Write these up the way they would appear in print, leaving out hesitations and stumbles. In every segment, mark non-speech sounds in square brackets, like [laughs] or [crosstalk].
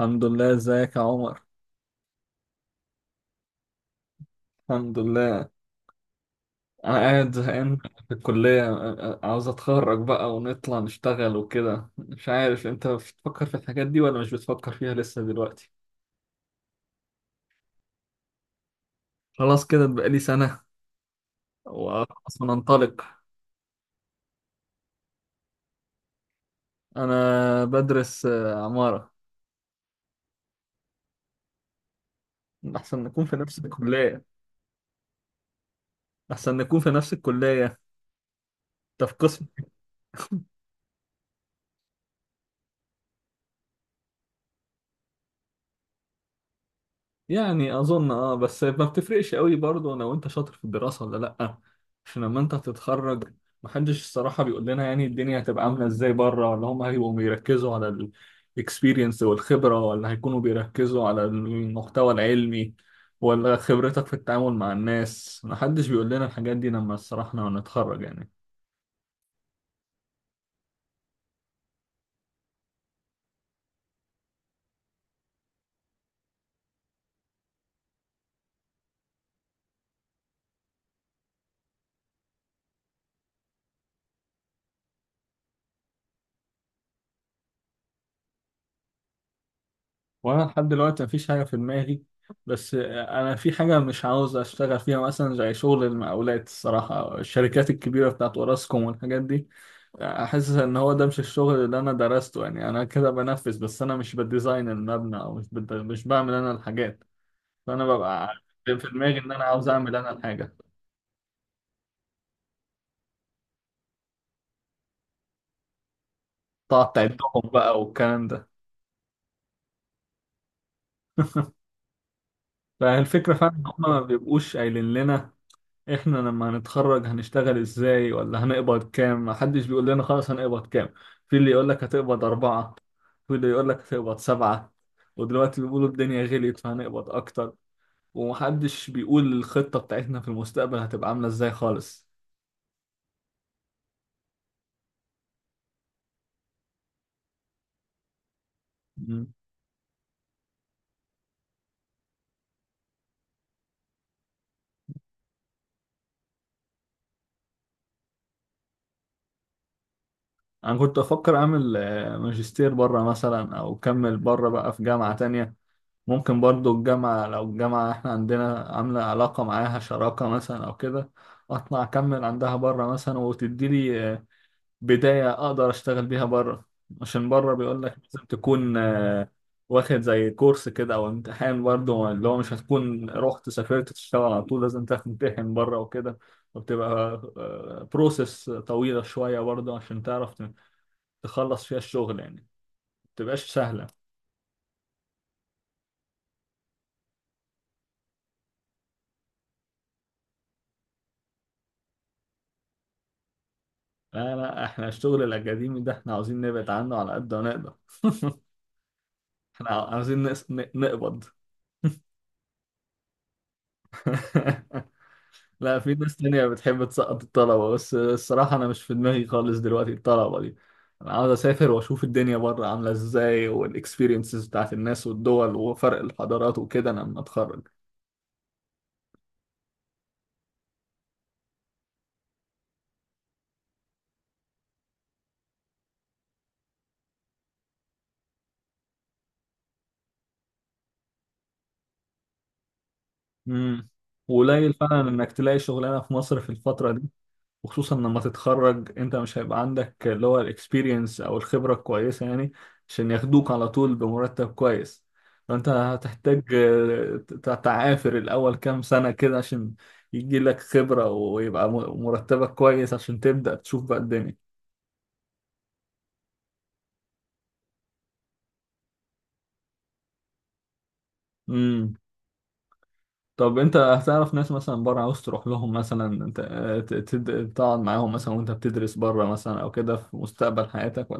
الحمد لله. ازيك يا عمر؟ الحمد لله. انا قاعد زهقان في الكلية. عاوز اتخرج بقى ونطلع نشتغل وكده. مش عارف انت بتفكر في الحاجات دي ولا مش بتفكر فيها لسه دلوقتي؟ خلاص، كده بقى لي سنة وخلاص هننطلق. انا بدرس عمارة. احسن نكون في نفس الكلية. احسن نكون في نفس الكلية. انت في قسم؟ يعني اظن اه، بس ما بتفرقش قوي برضه لو انت شاطر في الدراسه ولا لا. عشان لما انت هتتخرج، محدش الصراحه بيقول لنا يعني الدنيا هتبقى عامله ازاي بره، ولا هم هيبقوا بيركزوا على الاكسبيرينس والخبره، ولا هيكونوا بيركزوا على المحتوى العلمي، ولا خبرتك في التعامل مع الناس. محدش بيقول لنا الحاجات دي لما الصراحه لما نتخرج يعني. وانا لحد دلوقتي مفيش حاجه في دماغي. بس انا في حاجه مش عاوز اشتغل فيها، مثلا زي شغل المقاولات الصراحه، أو الشركات الكبيره بتاعت اوراسكوم والحاجات دي. احس ان هو ده مش الشغل اللي انا درسته. يعني انا كده بنفذ بس، انا مش بالديزاين المبنى، او مش بعمل انا الحاجات. فانا ببقى في دماغي ان انا عاوز اعمل انا الحاجه. تقعد تعدهم بقى والكلام ده. فالفكره فعلا ان هم ما بيبقوش قايلين لنا احنا لما هنتخرج هنشتغل ازاي ولا هنقبض كام. محدش بيقول لنا خلاص هنقبض كام. في اللي يقول لك هتقبض أربعة. في اللي يقول لك هتقبض سبعة. ودلوقتي بيقولوا الدنيا غليت فهنقبض أكتر. ومحدش بيقول الخطة بتاعتنا في المستقبل هتبقى عاملة ازاي خالص. مم. أنا كنت أفكر أعمل ماجستير بره مثلا، أو أكمل بره بقى في جامعة تانية. ممكن برضو لو الجامعة احنا عندنا عاملة علاقة معاها شراكة مثلا أو كده. اطلع اكمل عندها بره مثلا وتدي لي بداية أقدر أشتغل بيها بره. عشان بره بيقول لك لازم تكون واخد زي كورس كده أو امتحان برضه. اللي هو مش هتكون رحت سافرت تشتغل على طول، لازم تمتحن بره وكده. وبتبقى بروسيس طويلة شوية برضه، عشان تعرف تخلص فيها الشغل. يعني ما بتبقاش سهلة. لا لا، احنا الشغل الأكاديمي ده احنا عاوزين نبعد عنه على قد ما نقدر. [laughs] احنا عاوزين نقبض. [laughs] لا، في ناس تانية بتحب تسقط الطلبة، بس الصراحة أنا مش في دماغي خالص دلوقتي الطلبة دي. أنا عاوز أسافر وأشوف الدنيا بره عاملة إزاي والإكسبيرينسز بتاعت الناس والدول وفرق الحضارات وكده، أنا لما أتخرج. امم. وقليل فعلا إنك تلاقي شغلانة في مصر في الفترة دي. وخصوصا لما تتخرج انت مش هيبقى عندك اللي هو الاكسبيرينس او الخبرة الكويسة يعني، عشان ياخدوك على طول بمرتب كويس. فانت هتحتاج تعافر الاول كام سنة كده، عشان يجي لك خبرة ويبقى مرتبك كويس، عشان تبدأ تشوف بقى الدنيا. امم. طب انت هتعرف ناس مثلا بره عاوز تروح لهم مثلا انت، تقعد معاهم مثلا وانت بتدرس بره مثلا او كده في مستقبل حياتك؟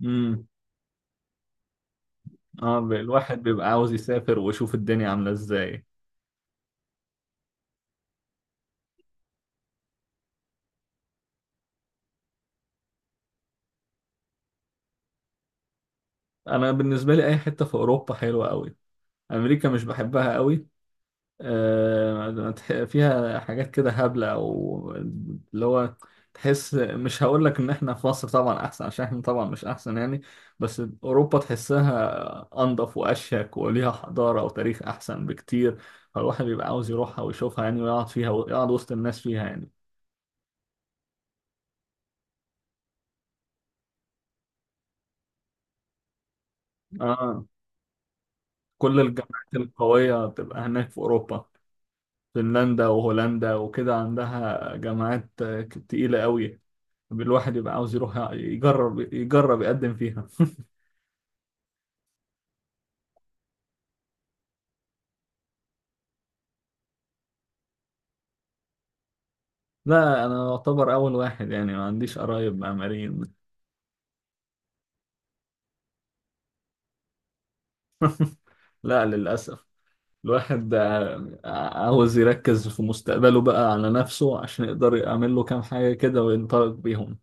ولا؟ اه، الواحد بيبقى عاوز يسافر ويشوف الدنيا عاملة ازاي. انا بالنسبة لي اي حتة في اوروبا حلوة قوي. امريكا مش بحبها قوي. فيها حاجات كده هبلة، او اللي هو تحس. مش هقول لك ان احنا في مصر طبعا احسن، عشان احنا طبعا مش احسن يعني. بس اوروبا تحسها انضف واشيك وليها حضارة وتاريخ احسن بكتير، فالواحد بيبقى عاوز يروحها ويشوفها يعني، ويقعد فيها ويقعد وسط الناس فيها يعني. اه، كل الجامعات القوية بتبقى هناك في اوروبا. فنلندا وهولندا وكده عندها جامعات تقيلة قوي. الواحد يبقى عاوز يروح يجرب يقدم فيها. [laughs] لا، أنا أعتبر أول واحد يعني، ما عنديش قرايب معماريين. لا، للأسف. الواحد عاوز يركز في مستقبله بقى على نفسه، عشان يقدر يعمل له كام حاجة كده وينطلق بيهم.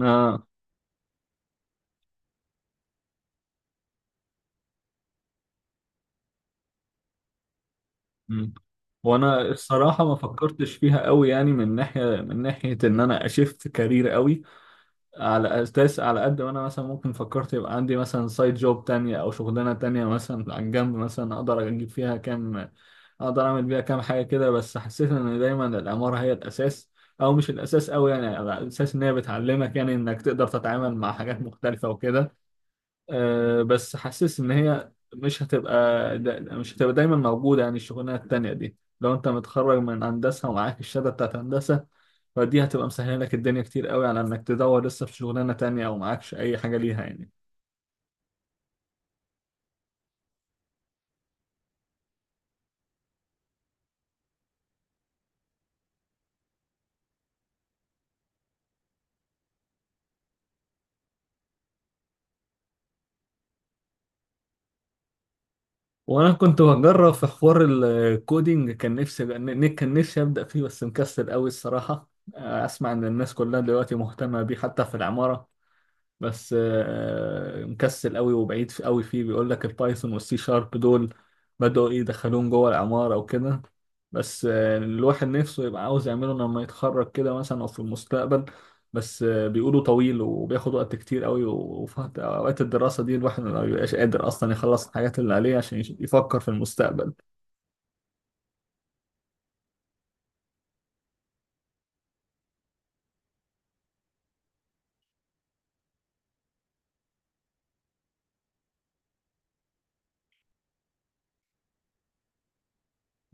آه. مم. وانا الصراحه ما فكرتش فيها قوي يعني، من ناحيه ان انا اشفت كارير قوي. على اساس على قد ما انا مثلا ممكن فكرت يبقى عندي مثلا سايد جوب تانية او شغلانة تانية مثلا عن جنب، مثلا اقدر اجيب فيها كام، اقدر اعمل بيها كام حاجة كده. بس حسيت ان دايما العمارة هي الاساس، او مش الاساس قوي يعني، على اساس ان هي بتعلمك يعني انك تقدر تتعامل مع حاجات مختلفة وكده. أه بس حاسس ان هي مش هتبقى. دا مش هتبقى دايما موجودة يعني الشغلانة التانية دي، لو انت متخرج من هندسة ومعاك الشهادة بتاعت هندسة، فدي هتبقى مسهله لك الدنيا كتير قوي على انك تدور لسه في شغلانه تانية، او معكش اي حاجه ليها يعني. وانا كنت بجرب في حوار الكودينج. كان نفسي ابدا فيه بس مكسل قوي الصراحه. اسمع ان الناس كلها دلوقتي مهتمه بيه حتى في العماره. بس مكسل قوي وبعيد قوي فيه. بيقول لك البايثون والسي شارب دول بدأوا يدخلوهم جوه العمارة وكده. بس الواحد نفسه يبقى عاوز يعمله لما يتخرج كده مثلا، أو في المستقبل. بس بيقولوا طويل وبياخد وقت كتير قوي وفي أوقات الدراسة دي الواحد ما بيبقاش قادر أصلا يخلص الحاجات اللي عليه عشان يفكر في المستقبل.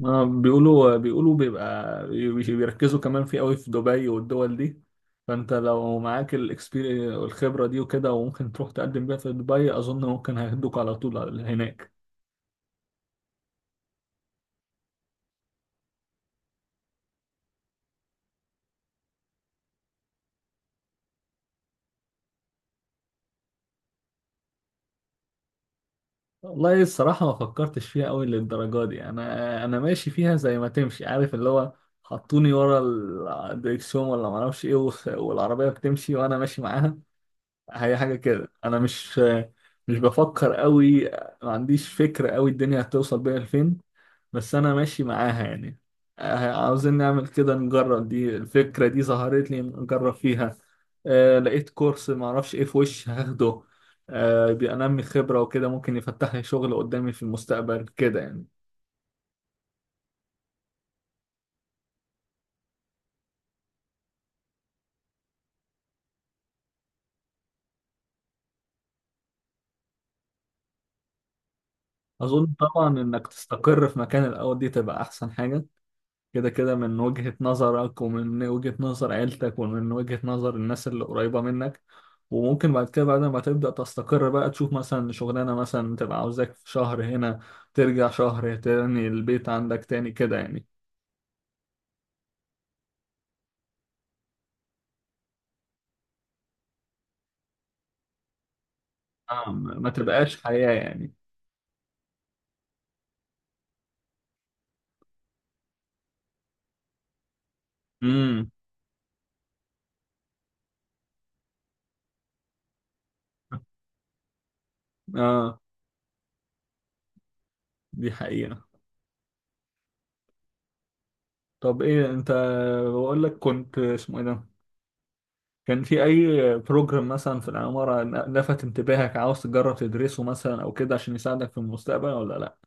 بيقولوا بيبقى بيركزوا كمان فيه قوي في دبي والدول دي. فانت لو معاك الاكسبيرينس والخبره دي وكده، وممكن تروح تقدم بيها في دبي اظن. ممكن هياخدوك على طول هناك. والله الصراحه ما فكرتش فيها قوي للدرجه دي. انا ماشي فيها زي ما تمشي عارف اللي هو، حطوني ورا الدريكسيون ولا ما اعرفش ايه والعربيه بتمشي وانا ماشي معاها. هي حاجه كده. انا مش بفكر قوي. ما عنديش فكره قوي الدنيا هتوصل بيها لفين، بس انا ماشي معاها يعني. عاوزين نعمل كده نجرب دي. الفكرة دي ظهرت لي نجرب فيها. آه، لقيت كورس معرفش ايه في وش هاخده. آه، بينمي خبرة وكده ممكن يفتح لي شغل قدامي في المستقبل كده يعني. اظن طبعا انك تستقر في مكان الاول، دي تبقى احسن حاجة، كده كده، من وجهة نظرك ومن وجهة نظر عيلتك ومن وجهة نظر الناس اللي قريبة منك. وممكن بعد كده، بعد ما تبدأ تستقر بقى تشوف مثلا شغلانة مثلا تبقى عاوزاك، في شهر هنا، ترجع شهر تاني البيت عندك تاني كده يعني. آه، ما تبقاش حياة يعني. امم. اه، دي حقيقة. طب ايه انت؟ بقول لك كنت اسمه ايه ده، كان في اي بروجرام مثلا في العمارة لفت انتباهك عاوز تجرب تدرسه مثلا او كده عشان يساعدك في المستقبل ولا لا؟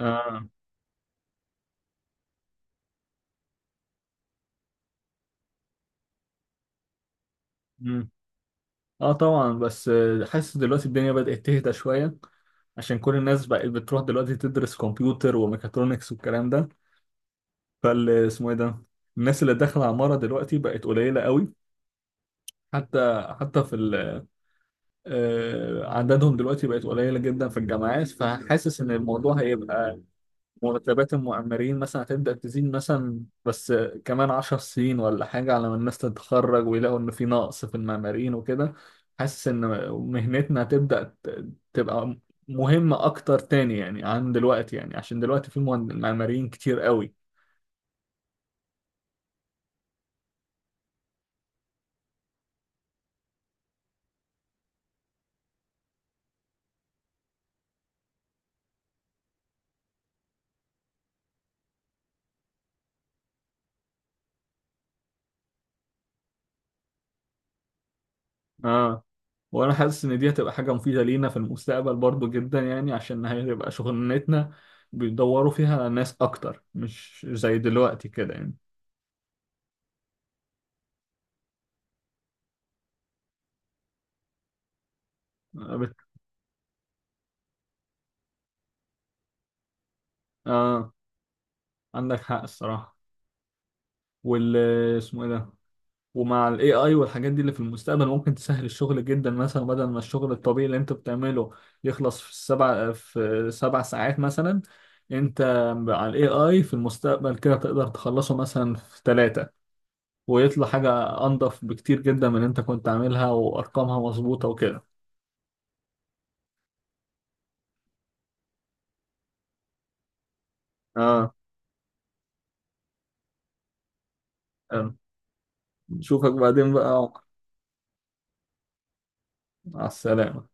اه. مم. اه طبعا، بس حاسس دلوقتي الدنيا بدأت تهدى شوية. عشان كل الناس بقت بتروح دلوقتي تدرس كمبيوتر وميكاترونكس والكلام ده. فال، اسمه ايه ده، الناس اللي داخلة عمارة دلوقتي بقت قليلة قوي. حتى حتى في ال آه، عددهم دلوقتي بقت قليلة جدا في الجامعات، فحاسس ان الموضوع هيبقى، مرتبات المؤمرين مثلا هتبدأ تزيد مثلا، بس كمان 10 سنين ولا حاجة على ما الناس تتخرج ويلاقوا إن في نقص في المعماريين وكده. حاسس إن مهنتنا هتبدأ تبقى مهمة أكتر تاني يعني، عن دلوقتي يعني عشان دلوقتي في معماريين كتير قوي. آه. وأنا حاسس إن دي هتبقى حاجة مفيدة لينا في المستقبل برضو جدا يعني، عشان هتبقى شغلانتنا بيدوروا فيها ناس أكتر مش زي دلوقتي كده يعني. آه. آه، عندك حق الصراحة. وال، اسمه ايه ده، ومع الاي اي والحاجات دي اللي في المستقبل ممكن تسهل الشغل جدا مثلا، بدل ما الشغل الطبيعي اللي انت بتعمله يخلص في سبع ساعات مثلا، انت على الاي اي في المستقبل كده تقدر تخلصه مثلا في ثلاثة. ويطلع حاجة انضف بكتير جدا من اللي انت كنت عاملها وارقامها مظبوطة وكده. اه، تمام. نشوفك بعدين بقى يا عمر. مع السلامة.